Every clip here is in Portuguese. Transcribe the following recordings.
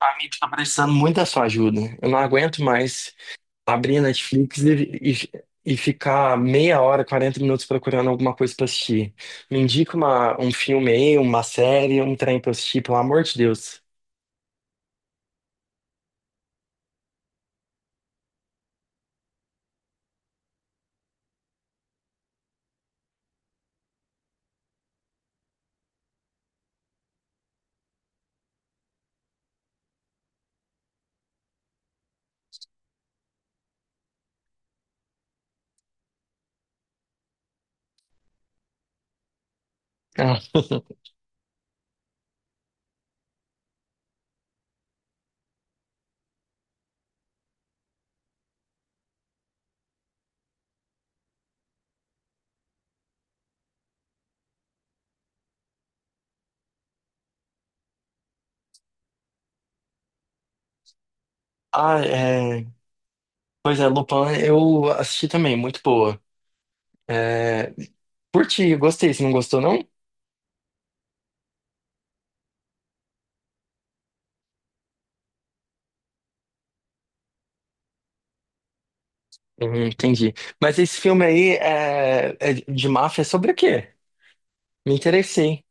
Amigo, tá precisando muito da sua ajuda. Eu não aguento mais abrir a Netflix e ficar meia hora, 40 minutos procurando alguma coisa pra assistir. Me indica um filme aí, uma série, um trem pra eu assistir, pelo amor de Deus. Ah, Ah, é. Pois é, Lupin, eu assisti também, muito boa. É... Curti, gostei. Você não gostou, não? Uhum, entendi. Mas esse filme aí é de máfia sobre o quê? Me interessei.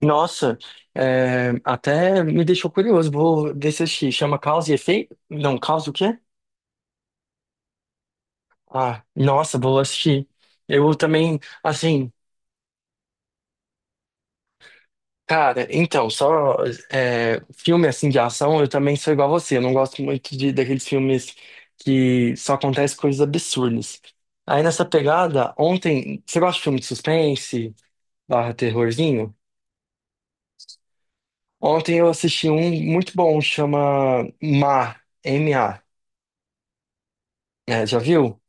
Nossa, é, até me deixou curioso. Vou descer assistir. Chama Causa e Efeito? Não, Causa o quê? Ah, nossa, vou assistir. Eu também, assim, cara, então, só é, filme assim de ação, eu também sou igual a você. Eu não gosto muito daqueles filmes que só acontecem coisas absurdas. Aí nessa pegada, ontem, você gosta de filme de suspense, barra terrorzinho? Ontem eu assisti um muito bom, chama Ma, Ma. É, já viu?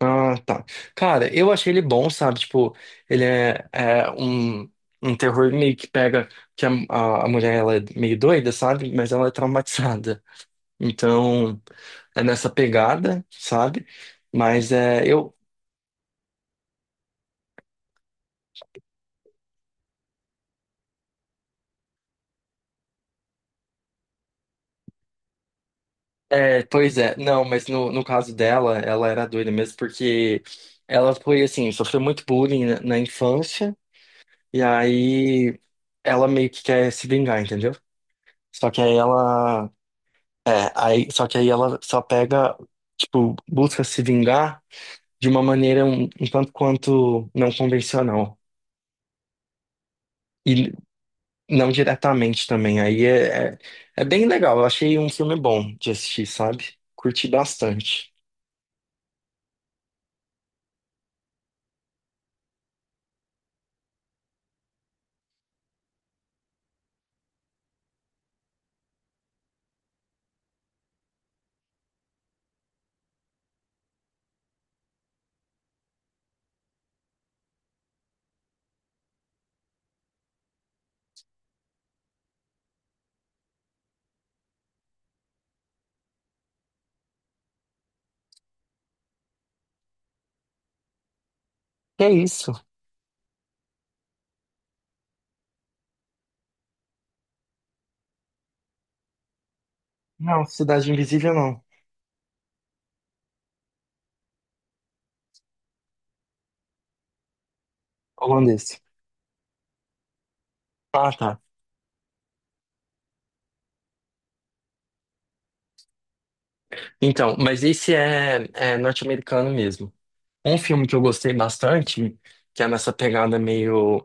Ah, tá. Cara, eu achei ele bom, sabe? Tipo, ele é um terror meio que pega que a mulher ela é meio doida, sabe? Mas ela é traumatizada. Então, é nessa pegada, sabe? Mas é, eu. É, pois é, não, mas no caso dela, ela era doida mesmo, porque ela foi assim, sofreu muito bullying na infância, e aí ela meio que quer se vingar, entendeu? Só que aí ela É, aí, só que aí ela só pega, tipo, busca se vingar de uma maneira um tanto quanto não convencional. E não diretamente também. Aí é bem legal. Eu achei um filme bom de assistir, sabe? Curti bastante. É isso? Não, Cidade Invisível não. Holandês. Ah, tá. Então, mas esse é norte-americano mesmo. Um filme que eu gostei bastante, que é nessa pegada meio.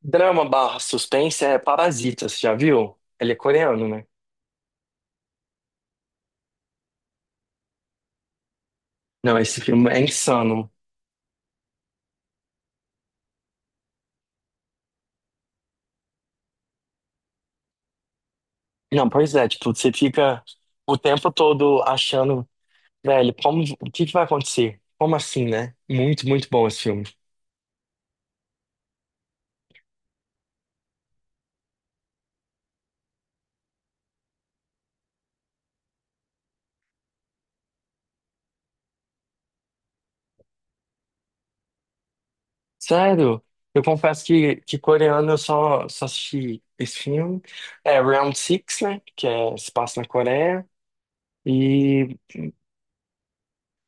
Drama barra suspense é Parasita, você já viu? Ele é coreano, né? Não, esse filme é insano. Não, pois é, tipo, você fica o tempo todo achando, velho, como, o que que vai acontecer? Como assim, né? Muito, muito bom esse filme. Sério, eu confesso que coreano eu só assisti esse filme. É Round Six, né? Que é, se passa na Coreia. E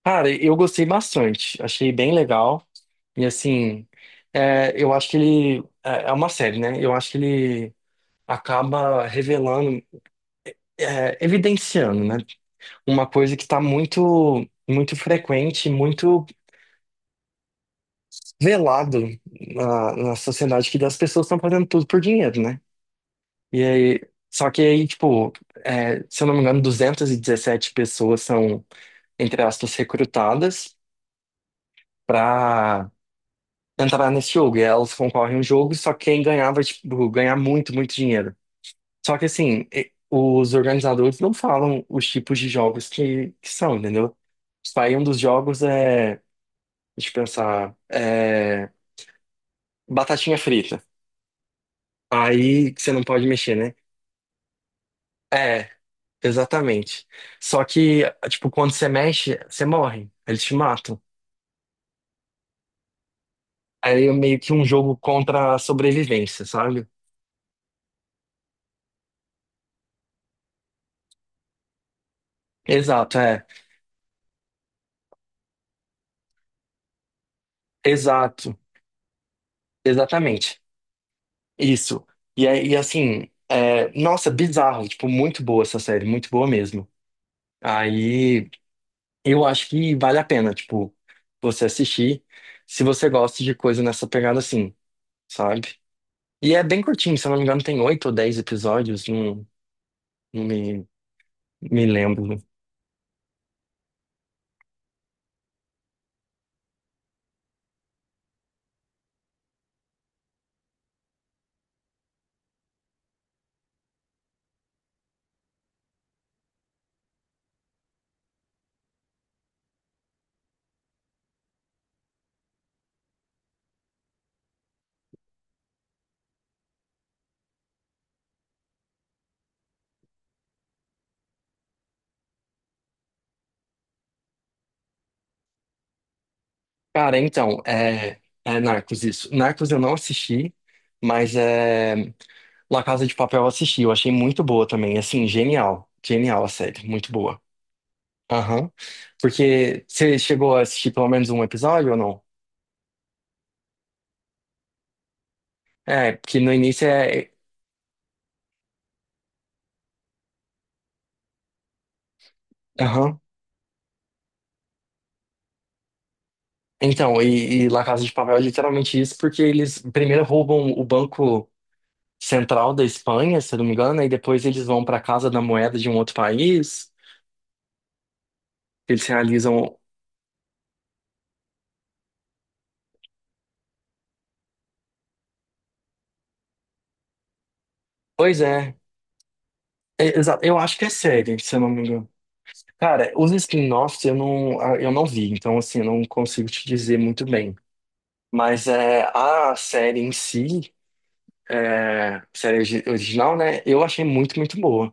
Cara, eu gostei bastante, achei bem legal. E assim, é, eu acho que ele. É é uma série, né? Eu acho que ele acaba revelando, é, evidenciando, né? Uma coisa que está muito, muito frequente, muito velado na sociedade, que as pessoas estão fazendo tudo por dinheiro, né? E aí. Só que aí, tipo, é, se eu não me engano, 217 pessoas são, entre aspas, recrutadas para entrar nesse jogo. E elas concorrem a um jogo, só que quem ganhar vai, tipo, ganhar muito, muito dinheiro. Só que, assim, e- os organizadores não falam os tipos de jogos que são, entendeu? Tipo, aí um dos jogos é, deixa eu pensar, é batatinha frita. Aí que você não pode mexer, né? É, exatamente. Só que, tipo, quando você mexe, você morre. Eles te matam. Aí é meio que um jogo contra a sobrevivência, sabe? Exato. É. Exato. Exatamente. Isso. E é- e assim, é, nossa, bizarro, tipo, muito boa essa série, muito boa mesmo. Aí eu acho que vale a pena, tipo, você assistir, se você gosta de coisa nessa pegada assim, sabe? E é bem curtinho, se eu não me engano, tem 8 ou 10 episódios, não não me lembro. Cara, então, é Narcos isso. Narcos eu não assisti, mas é, La Casa de Papel eu assisti, eu achei muito boa também, assim, genial, genial a série, muito boa. Aham. Porque você chegou a assistir pelo menos um episódio ou não? É, porque no início é. é. Aham. Então, e La Casa de Papel é literalmente isso, porque eles primeiro roubam o Banco Central da Espanha, se eu não me engano, e depois eles vão para a Casa da Moeda de um outro país. Eles realizam. Pois é. É, Exato. Eu acho que é série, se eu não me engano. Cara, os spin-offs eu não vi, então assim, eu não consigo te dizer muito bem. Mas é, a série em si, é, série original, né? Eu achei muito, muito boa.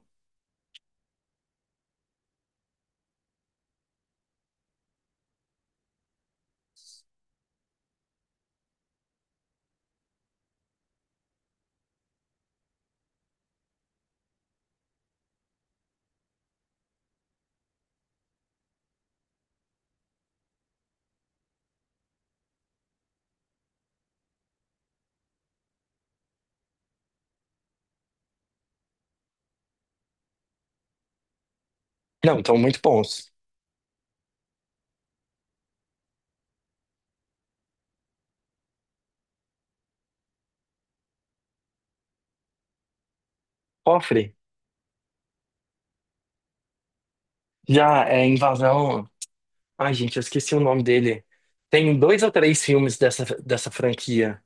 Não, então muito bons. Cofre, já é Invasão. Ai, gente, eu esqueci o nome dele. Tem dois ou três filmes dessa franquia.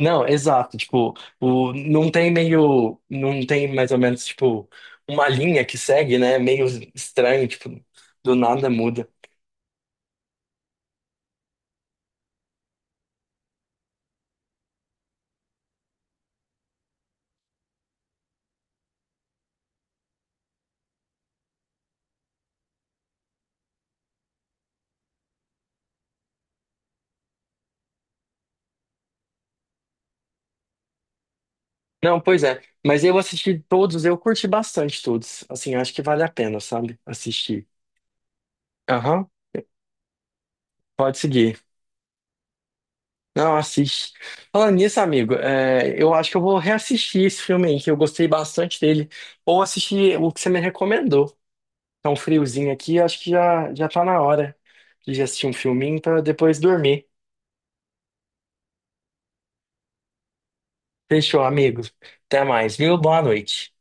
Não, exato. Tipo, o, não tem meio. Não tem mais ou menos, tipo, uma linha que segue, né? Meio estranho, tipo, do nada muda. Não, pois é. Mas eu assisti todos, eu curti bastante todos. Assim, acho que vale a pena, sabe? Assistir. Aham, pode seguir. Não, assiste. Falando nisso, amigo, é, eu acho que eu vou reassistir esse filme aí, que eu gostei bastante dele. Ou assistir o que você me recomendou. Tá um friozinho aqui, acho que já, já tá na hora de assistir um filminho pra depois dormir. Fechou, amigo. Até mais, viu? Boa noite.